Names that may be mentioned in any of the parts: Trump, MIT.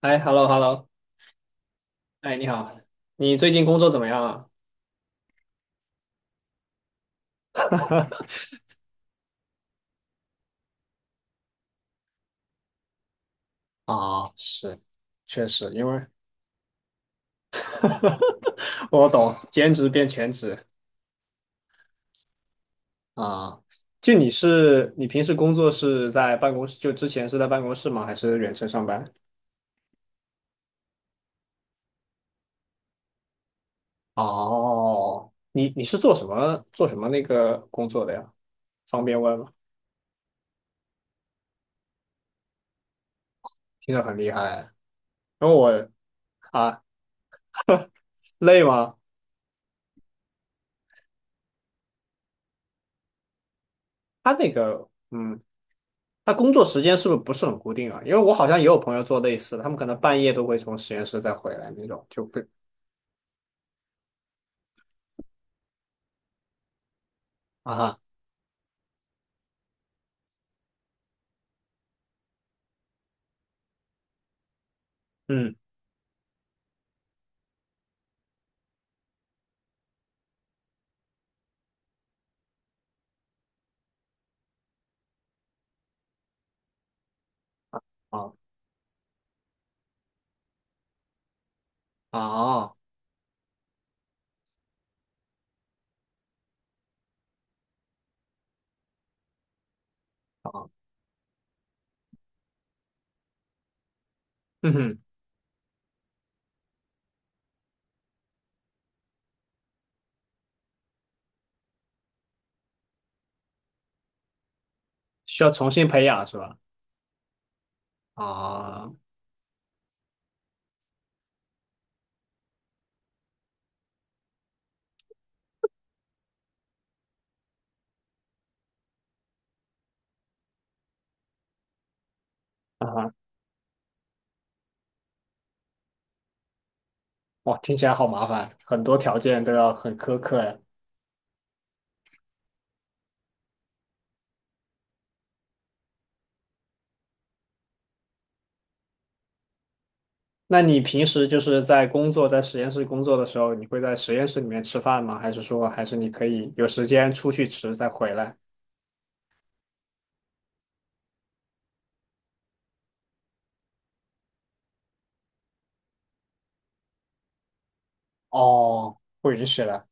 哎，hello hello，哎，你好。你最近工作怎么样啊？啊，是，确实，因为 我懂，兼职变全职啊。就你是，你平时工作是在办公室，就之前是在办公室吗？还是远程上班？哦，你你是做什么那个工作的呀？方便问吗？听着很厉害。然后我啊，累吗？他那个，嗯。那工作时间是不是很固定啊？因为我好像也有朋友做类似的，他们可能半夜都会从实验室再回来那种，就不啊哈，嗯，啊啊啊，嗯哼，需要重新培养是吧？啊啊哈，哇，听起来好麻烦，很多条件都要很苛刻呀。那你平时就是在工作，在实验室工作的时候，你会在实验室里面吃饭吗？还是说，还是你可以有时间出去吃再回来？哦，不允许的。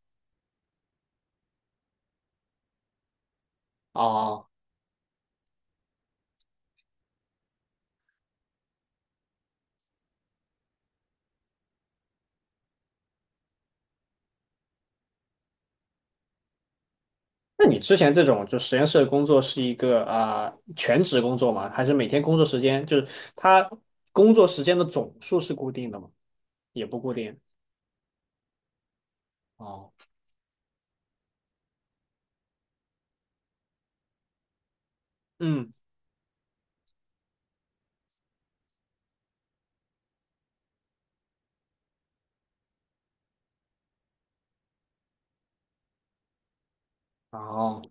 哦，那你之前这种就实验室的工作是一个啊、全职工作吗？还是每天工作时间就是他工作时间的总数是固定的吗？也不固定。哦，嗯，哦，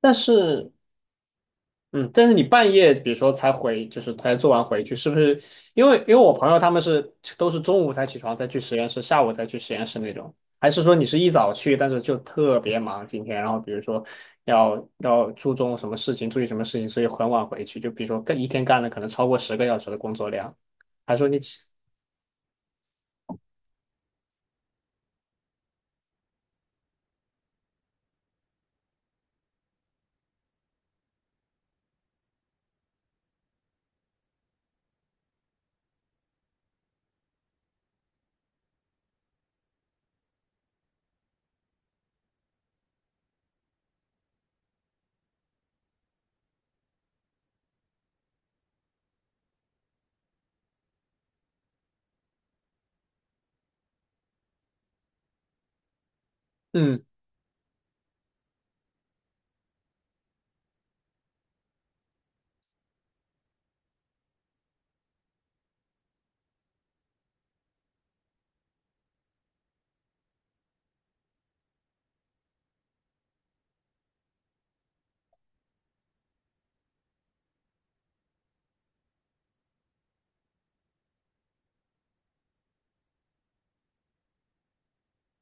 但是嗯，但是你半夜，比如说才回，就是才做完回去，是不是？因为我朋友他们是都是中午才起床，再去实验室，下午再去实验室那种，还是说你是一早去，但是就特别忙今天，然后比如说要注重什么事情，注意什么事情，所以很晚回去，就比如说干一天干了可能超过十个小时的工作量，还说你起嗯，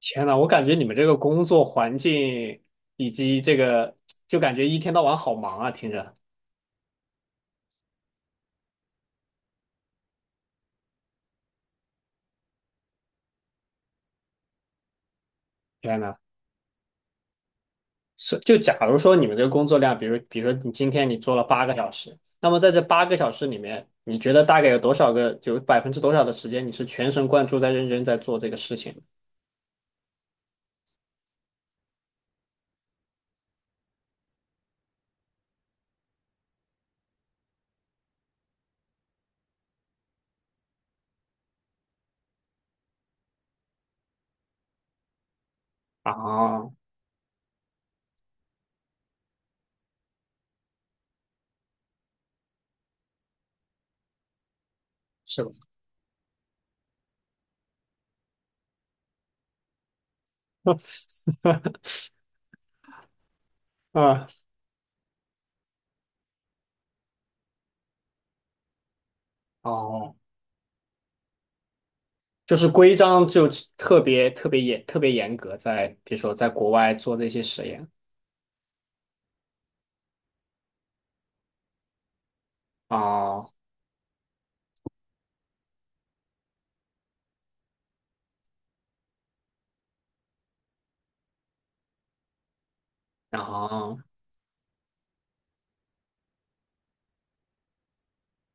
天呐，我感觉你们这个工作环境以及这个，就感觉一天到晚好忙啊，听着，天呐。是，就假如说你们这个工作量，比如说你今天你做了八个小时，那么在这八个小时里面，你觉得大概有多少个，有百分之多少的时间你是全神贯注在认真在做这个事情？啊，是吧？啊，哦，就是规章就特别特别严特别严格在，比如说在国外做这些实验啊。然后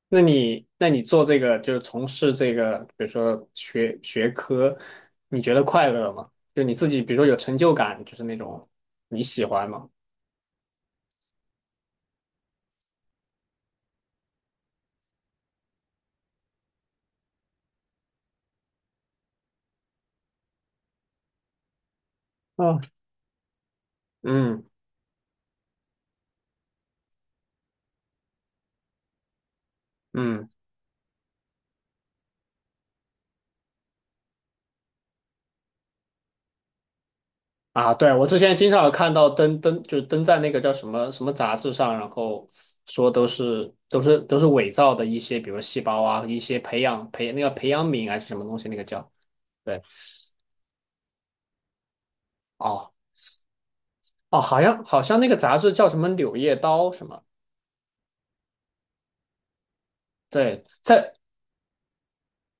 那你那你做这个就是从事这个，比如说学科，你觉得快乐吗？就你自己，比如说有成就感，就是那种你喜欢吗？啊，嗯嗯啊，对，我之前经常有看到登，就是登在那个叫什么什么杂志上，然后说都是伪造的一些，比如细胞啊，一些培养培那个培养皿还是什么东西，那个叫对哦。哦，好像好像那个杂志叫什么《柳叶刀》什么，对，在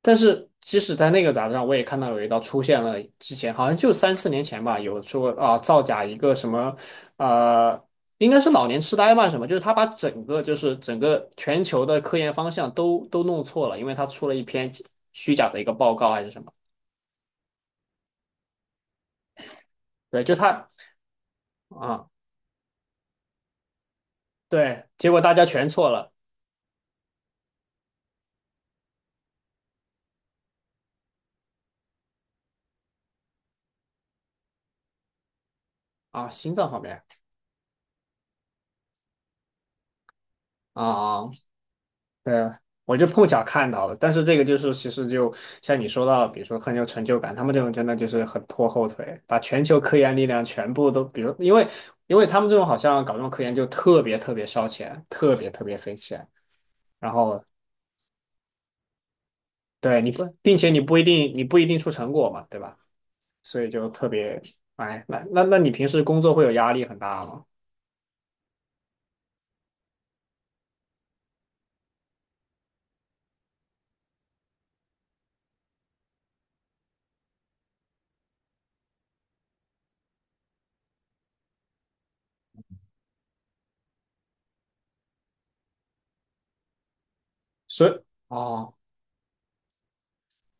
但是即使在那个杂志上，我也看到有一道出现了，之前好像就三四年前吧，有说啊造假一个什么，呃，应该是老年痴呆吧什么，就是他把整个就是整个全球的科研方向都都弄错了，因为他出了一篇虚假的一个报告还是什么，对，就他啊，对，结果大家全错了啊，心脏面面啊。啊，对啊，我就碰巧看到了，但是这个就是其实就像你说到，比如说很有成就感，他们这种真的就是很拖后腿，把全球科研力量全部都，比如因为他们这种好像搞这种科研就特别特别烧钱，特别特别费钱，然后对你不，并且你不一定出成果嘛，对吧？所以就特别，哎，那你平时工作会有压力很大吗？所以哦，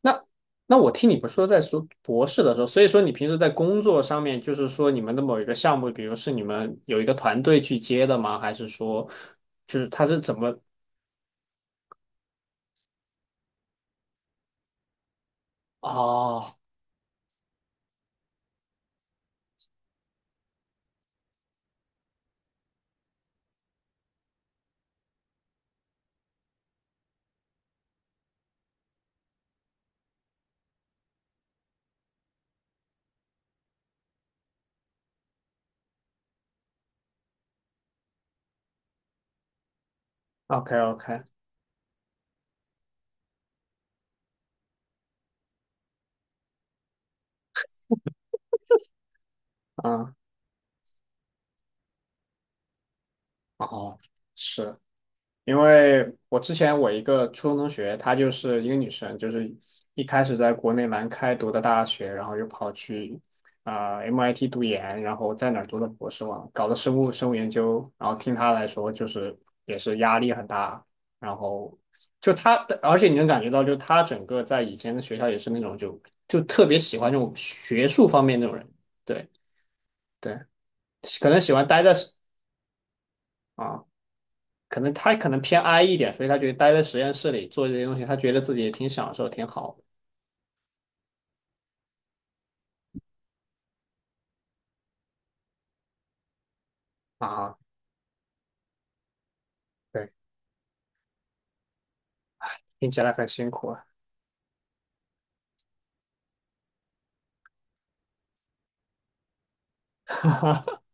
那那我听你们说在说博士的时候，所以说你平时在工作上面，就是说你们的某一个项目，比如是你们有一个团队去接的吗？还是说就是他是怎么？哦，OK OK，嗯，哦，是因为我之前我一个初中同学，她就是一个女生，就是一开始在国内南开读的大学，然后又跑去啊、MIT 读研，然后在哪儿读的博士嘛，搞的生物研究。然后听她来说，就是也是压力很大，然后就她，而且你能感觉到，就她整个在以前的学校也是那种就就特别喜欢这种学术方面那种人，对对，可能喜欢待在啊。可能他可能偏 I 一点，所以他觉得待在实验室里做这些东西，他觉得自己也挺享受，挺好的啊。对，听起来很辛苦啊。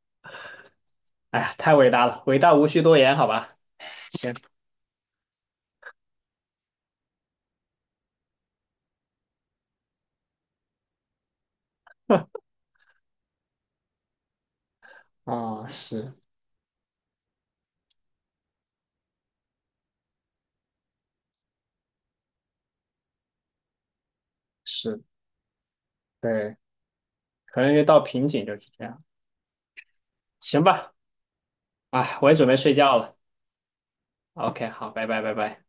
哎呀，太伟大了，伟大无需多言，好吧？行啊，是是，对，可能就到瓶颈就是这样。行吧，啊，我也准备睡觉了。OK，好，拜拜，拜拜。